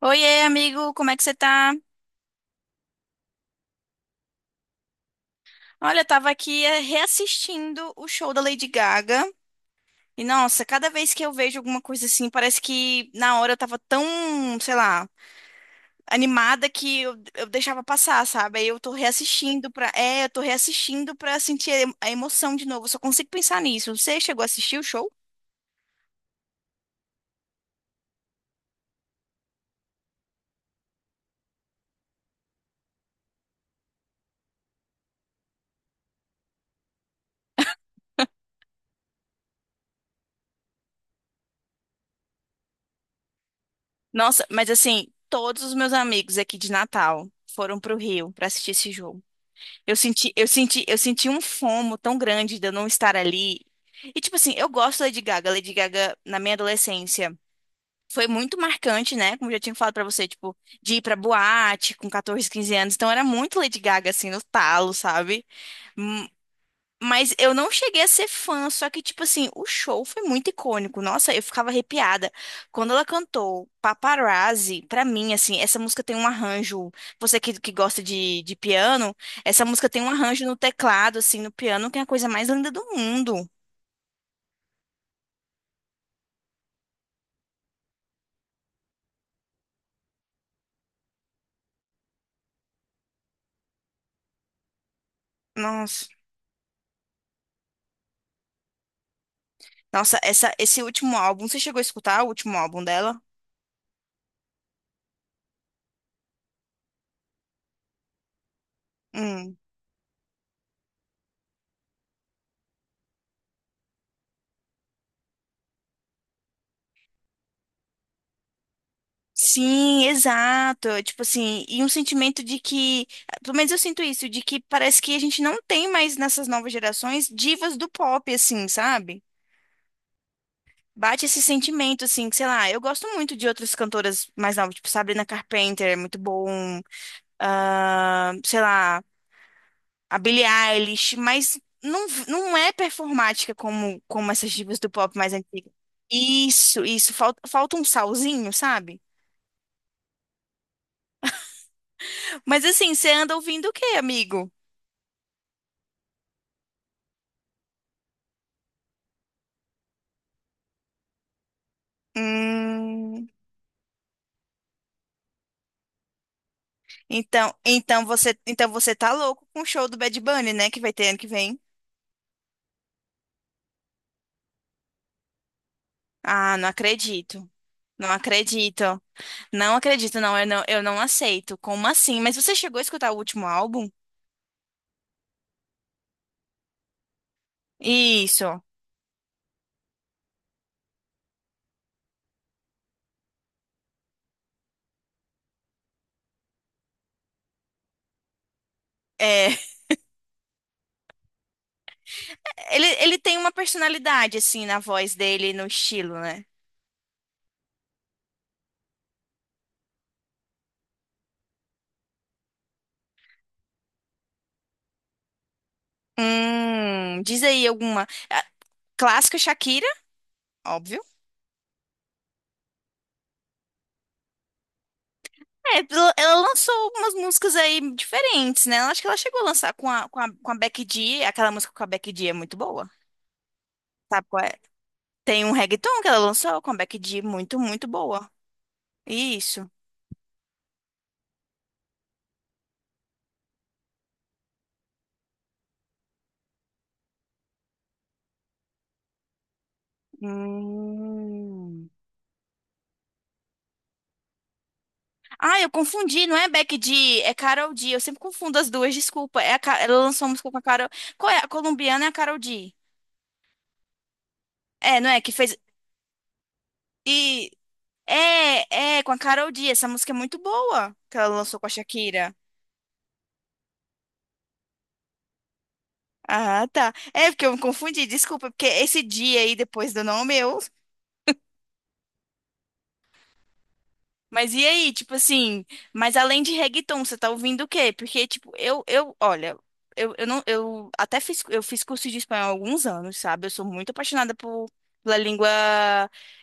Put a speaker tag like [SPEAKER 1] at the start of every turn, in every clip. [SPEAKER 1] Oiê, amigo, como é que você tá? Olha, eu tava aqui reassistindo o show da Lady Gaga. E nossa, cada vez que eu vejo alguma coisa assim, parece que na hora eu tava tão, sei lá, animada que eu deixava passar, sabe? Aí eu tô reassistindo pra. É, eu tô reassistindo pra sentir a emoção de novo. Eu só consigo pensar nisso. Você chegou a assistir o show? Nossa, mas assim, todos os meus amigos aqui de Natal foram pro Rio pra assistir esse jogo. Eu senti um fomo tão grande de eu não estar ali. E tipo assim, eu gosto da Lady Gaga. A Lady Gaga, na minha adolescência, foi muito marcante, né? Como eu já tinha falado pra você, tipo, de ir pra boate com 14, 15 anos. Então era muito Lady Gaga, assim, no talo, sabe? Mas eu não cheguei a ser fã, só que, tipo assim, o show foi muito icônico. Nossa, eu ficava arrepiada. Quando ela cantou Paparazzi, pra mim, assim, essa música tem um arranjo. Você que gosta de piano, essa música tem um arranjo no teclado, assim, no piano, que é a coisa mais linda do mundo. Nossa. Nossa, esse último álbum, você chegou a escutar o último álbum dela? Hum. Sim, exato. Tipo assim, e um sentimento de que, pelo menos eu sinto isso, de que parece que a gente não tem mais nessas novas gerações divas do pop, assim, sabe? Bate esse sentimento, assim, que, sei lá, eu gosto muito de outras cantoras mais novas, tipo Sabrina Carpenter, é muito bom, ah, sei lá, a Billie Eilish, mas não é performática como, como essas divas do pop mais antigas. Isso, falta, falta um salzinho, sabe? Mas assim, você anda ouvindo o quê, amigo? Hum, então você tá louco com o show do Bad Bunny, né, que vai ter ano que vem? Ah, não acredito. Não acredito. Não acredito, não, eu não aceito. Como assim? Mas você chegou a escutar o último álbum? Isso. É, ele tem uma personalidade assim na voz dele, e no estilo, né? Diz aí alguma. Ah, clássico Shakira, óbvio. É, ela lançou umas músicas aí diferentes, né? Eu acho que ela chegou a lançar com a, com a, com a Becky G. Aquela música com a Becky G é muito boa. Sabe qual é? Tem um reggaeton que ela lançou com a Becky G, muito boa. Isso. Hum. Ah, eu confundi, não é Becky G, é Karol G. Eu sempre confundo as duas, desculpa. É ela lançou uma música com a Karol. Qual é? A colombiana é a Karol G. É, não é? Que fez. E. É, é, com a Karol G. Essa música é muito boa que ela lançou com a Shakira. Ah, tá. É porque eu me confundi, desculpa, porque esse dia aí depois do nome eu. Mas e aí, tipo assim, mas além de reggaeton, você tá ouvindo o quê? Porque, tipo, olha, eu não, eu até fiz, eu fiz curso de espanhol há alguns anos, sabe? Eu sou muito apaixonada por, pela língua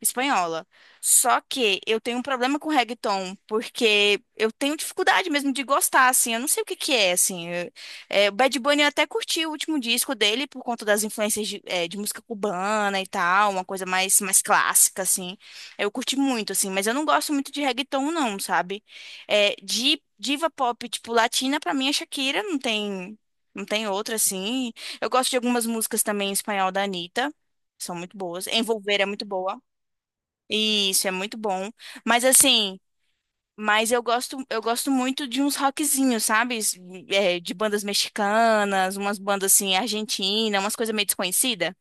[SPEAKER 1] espanhola. Só que eu tenho um problema com reggaeton, porque eu tenho dificuldade mesmo de gostar, assim, eu não sei o que que é, assim. O Bad Bunny eu até curti o último disco dele por conta das influências de música cubana e tal, uma coisa mais clássica, assim. Eu curti muito, assim, mas eu não gosto muito de reggaeton, não, sabe? É, de diva pop, tipo, latina, pra mim é Shakira, não tem outra, assim. Eu gosto de algumas músicas também em espanhol da Anitta, são muito boas. Envolver é muito boa, e isso é muito bom. Mas, assim, mas eu gosto muito de uns rockzinhos, sabe? De bandas mexicanas, umas bandas, assim, argentinas, umas coisas meio desconhecidas.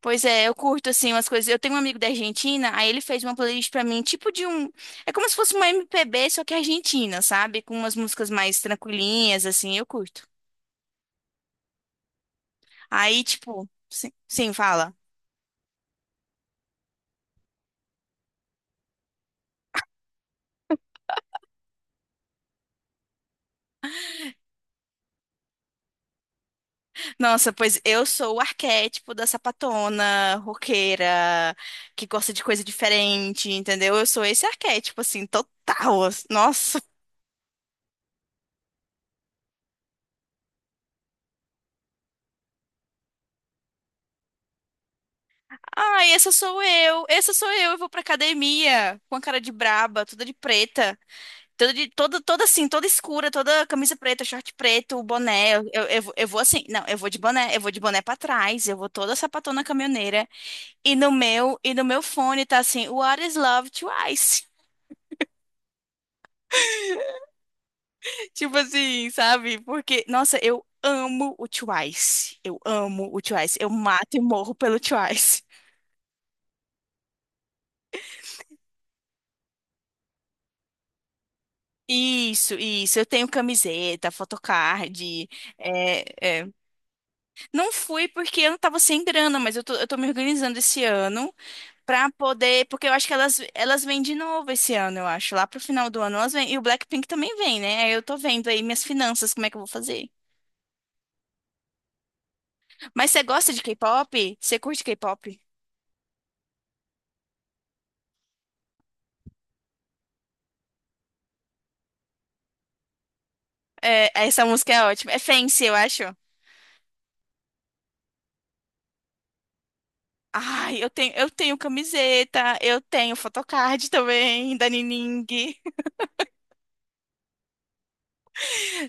[SPEAKER 1] Pois é, eu curto assim umas coisas. Eu tenho um amigo da Argentina, aí ele fez uma playlist pra mim, é como se fosse uma MPB, só que argentina, sabe? Com umas músicas mais tranquilinhas assim, eu curto. Aí, tipo, sim, sim, fala. Nossa, pois eu sou o arquétipo da sapatona, roqueira, que gosta de coisa diferente, entendeu? Eu sou esse arquétipo assim, total. Assim, nossa. Ai, essa sou eu. Essa sou eu. Eu vou pra academia com a cara de braba, toda de preta. Toda assim, toda escura, toda camisa preta, short preto, boné. Eu vou assim, não, eu vou de boné pra trás, eu vou toda sapatona caminhoneira. E no meu fone tá assim, What is Love Twice? Tipo assim, sabe? Porque, nossa, eu amo o Twice. Eu amo o Twice. Eu mato e morro pelo Twice. Isso, isso. Eu tenho camiseta, photocard. É, é. Não fui porque eu não tava sem grana, mas eu tô me organizando esse ano. Pra poder, porque eu acho que elas vêm de novo esse ano, eu acho. Lá pro final do ano elas vêm. E o Blackpink também vem, né? Aí eu tô vendo aí minhas finanças, como é que eu vou fazer. Mas você gosta de K-pop? Você curte K-pop? É, essa música é ótima. É Fancy, eu acho. Ai, eu tenho camiseta, eu tenho photocard também, da Nining.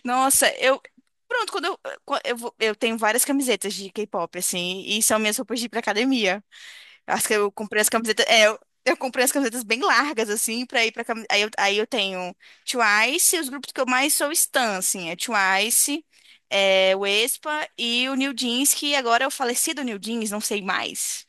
[SPEAKER 1] Nossa, eu. Pronto, quando eu, vou- eu tenho várias camisetas de K-pop, assim, e são minhas roupas de ir pra academia. Acho que eu comprei as camisetas. Eu comprei as camisetas bem largas, assim, pra ir pra. Cam- aí eu, aí eu tenho Twice, os grupos que eu mais sou stan, assim, é Twice, é, o Aespa e o New Jeans, que agora é o falecido New Jeans, não sei mais.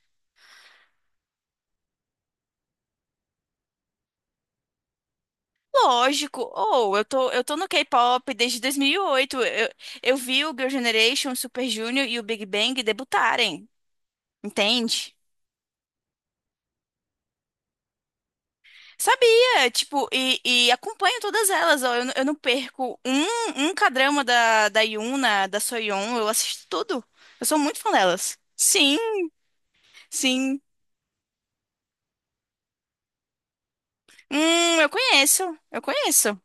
[SPEAKER 1] Lógico, ou eu tô no K-pop desde 2008. Eu vi o Girl Generation, o Super Junior e o Big Bang debutarem, entende? Sabia, tipo, e acompanho todas elas, ó, eu não perco um K-drama da Yuna, da Soyeon, eu assisto tudo. Eu sou muito fã delas. Sim, sim. Eu conheço.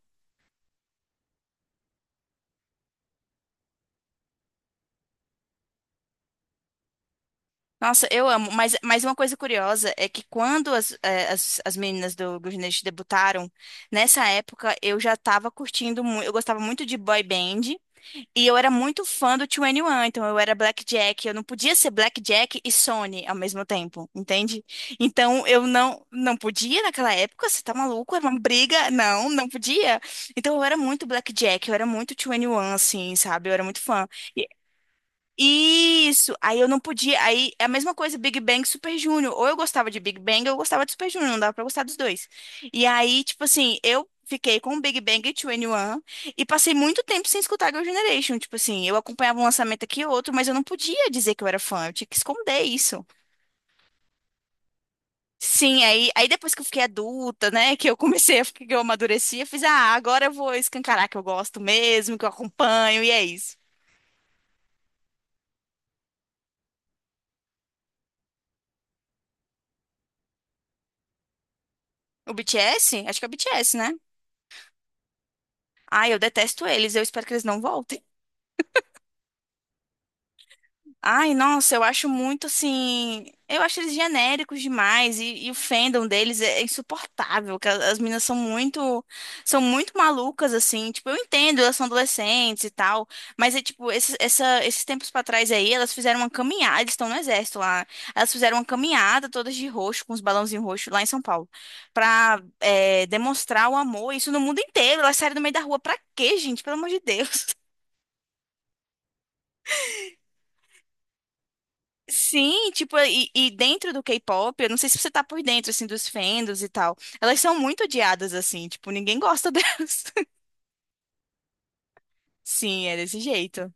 [SPEAKER 1] Nossa, eu amo. Mas uma coisa curiosa é que quando as meninas do Gurnet debutaram, nessa época eu já tava curtindo muito, eu gostava muito de boy band. E eu era muito fã do 2NE1, então eu era Blackjack. Eu não podia ser Blackjack e Sony ao mesmo tempo, entende? Então eu não podia naquela época, você tá maluco? Era uma briga. Não, não podia. Então eu era muito Blackjack, eu era muito 2NE1, assim, sabe? Eu era muito fã. Isso, aí eu não podia. Aí é a mesma coisa, Big Bang e Super Junior. Ou eu gostava de Big Bang ou eu gostava de Super Junior, não dava pra gostar dos dois. E aí, tipo assim, eu fiquei com Big Bang e 2NE1 e passei muito tempo sem escutar Girl Generation. Tipo assim, eu acompanhava um lançamento aqui e outro, mas eu não podia dizer que eu era fã, eu tinha que esconder isso. Sim, aí depois que eu fiquei adulta, né, que eu comecei a ficar, que eu amadureci, eu fiz, ah, agora eu vou escancarar que eu gosto mesmo, que eu acompanho, e é isso. O BTS? Acho que é o BTS, né? Ai, eu detesto eles, eu espero que eles não voltem. Ai, nossa, eu acho muito assim. Eu acho eles genéricos demais e o fandom deles é insuportável, que as meninas são muito malucas assim, tipo, eu entendo, elas são adolescentes e tal, mas é tipo, esses tempos pra trás aí, elas fizeram uma caminhada, eles estão no exército lá. Elas fizeram uma caminhada todas de roxo, com os balãozinhos roxos lá em São Paulo, demonstrar o amor, isso no mundo inteiro. Elas saíram no meio da rua pra quê, gente? Pelo amor de Deus. Sim, tipo, e dentro do K-pop, eu não sei se você tá por dentro, assim, dos fandoms e tal. Elas são muito odiadas, assim, tipo, ninguém gosta delas. Sim, é desse jeito.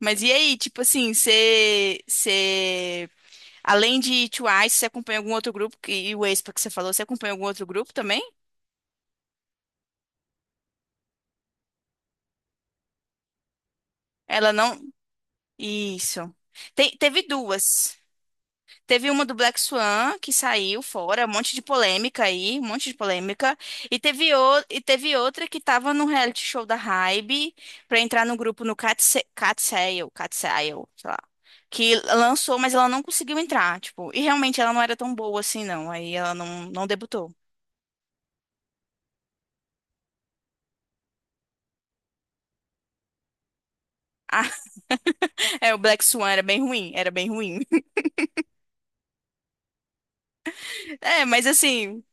[SPEAKER 1] Mas e aí, tipo assim, você, além de Twice, você acompanha algum outro grupo? E o Aespa que você falou, você acompanha algum outro grupo também? Ela não. Isso. Teve duas. Teve uma do Black Swan que saiu fora, um monte de polêmica aí, um monte de polêmica. E teve, o... e teve outra que tava no reality show da Hybe pra entrar no grupo no Catsail, Catsail, sei lá. Que lançou, mas ela não conseguiu entrar, tipo, e realmente ela não era tão boa assim, não. Aí ela não debutou. É, o Black Swan era bem ruim, era bem ruim. É, mas assim,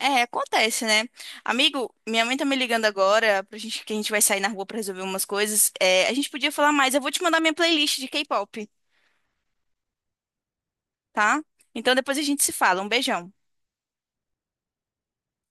[SPEAKER 1] é, acontece, né? Amigo, minha mãe tá me ligando agora pra gente que a gente vai sair na rua pra resolver umas coisas. É, a gente podia falar mais. Eu vou te mandar minha playlist de K-pop, tá? Então depois a gente se fala. Um beijão.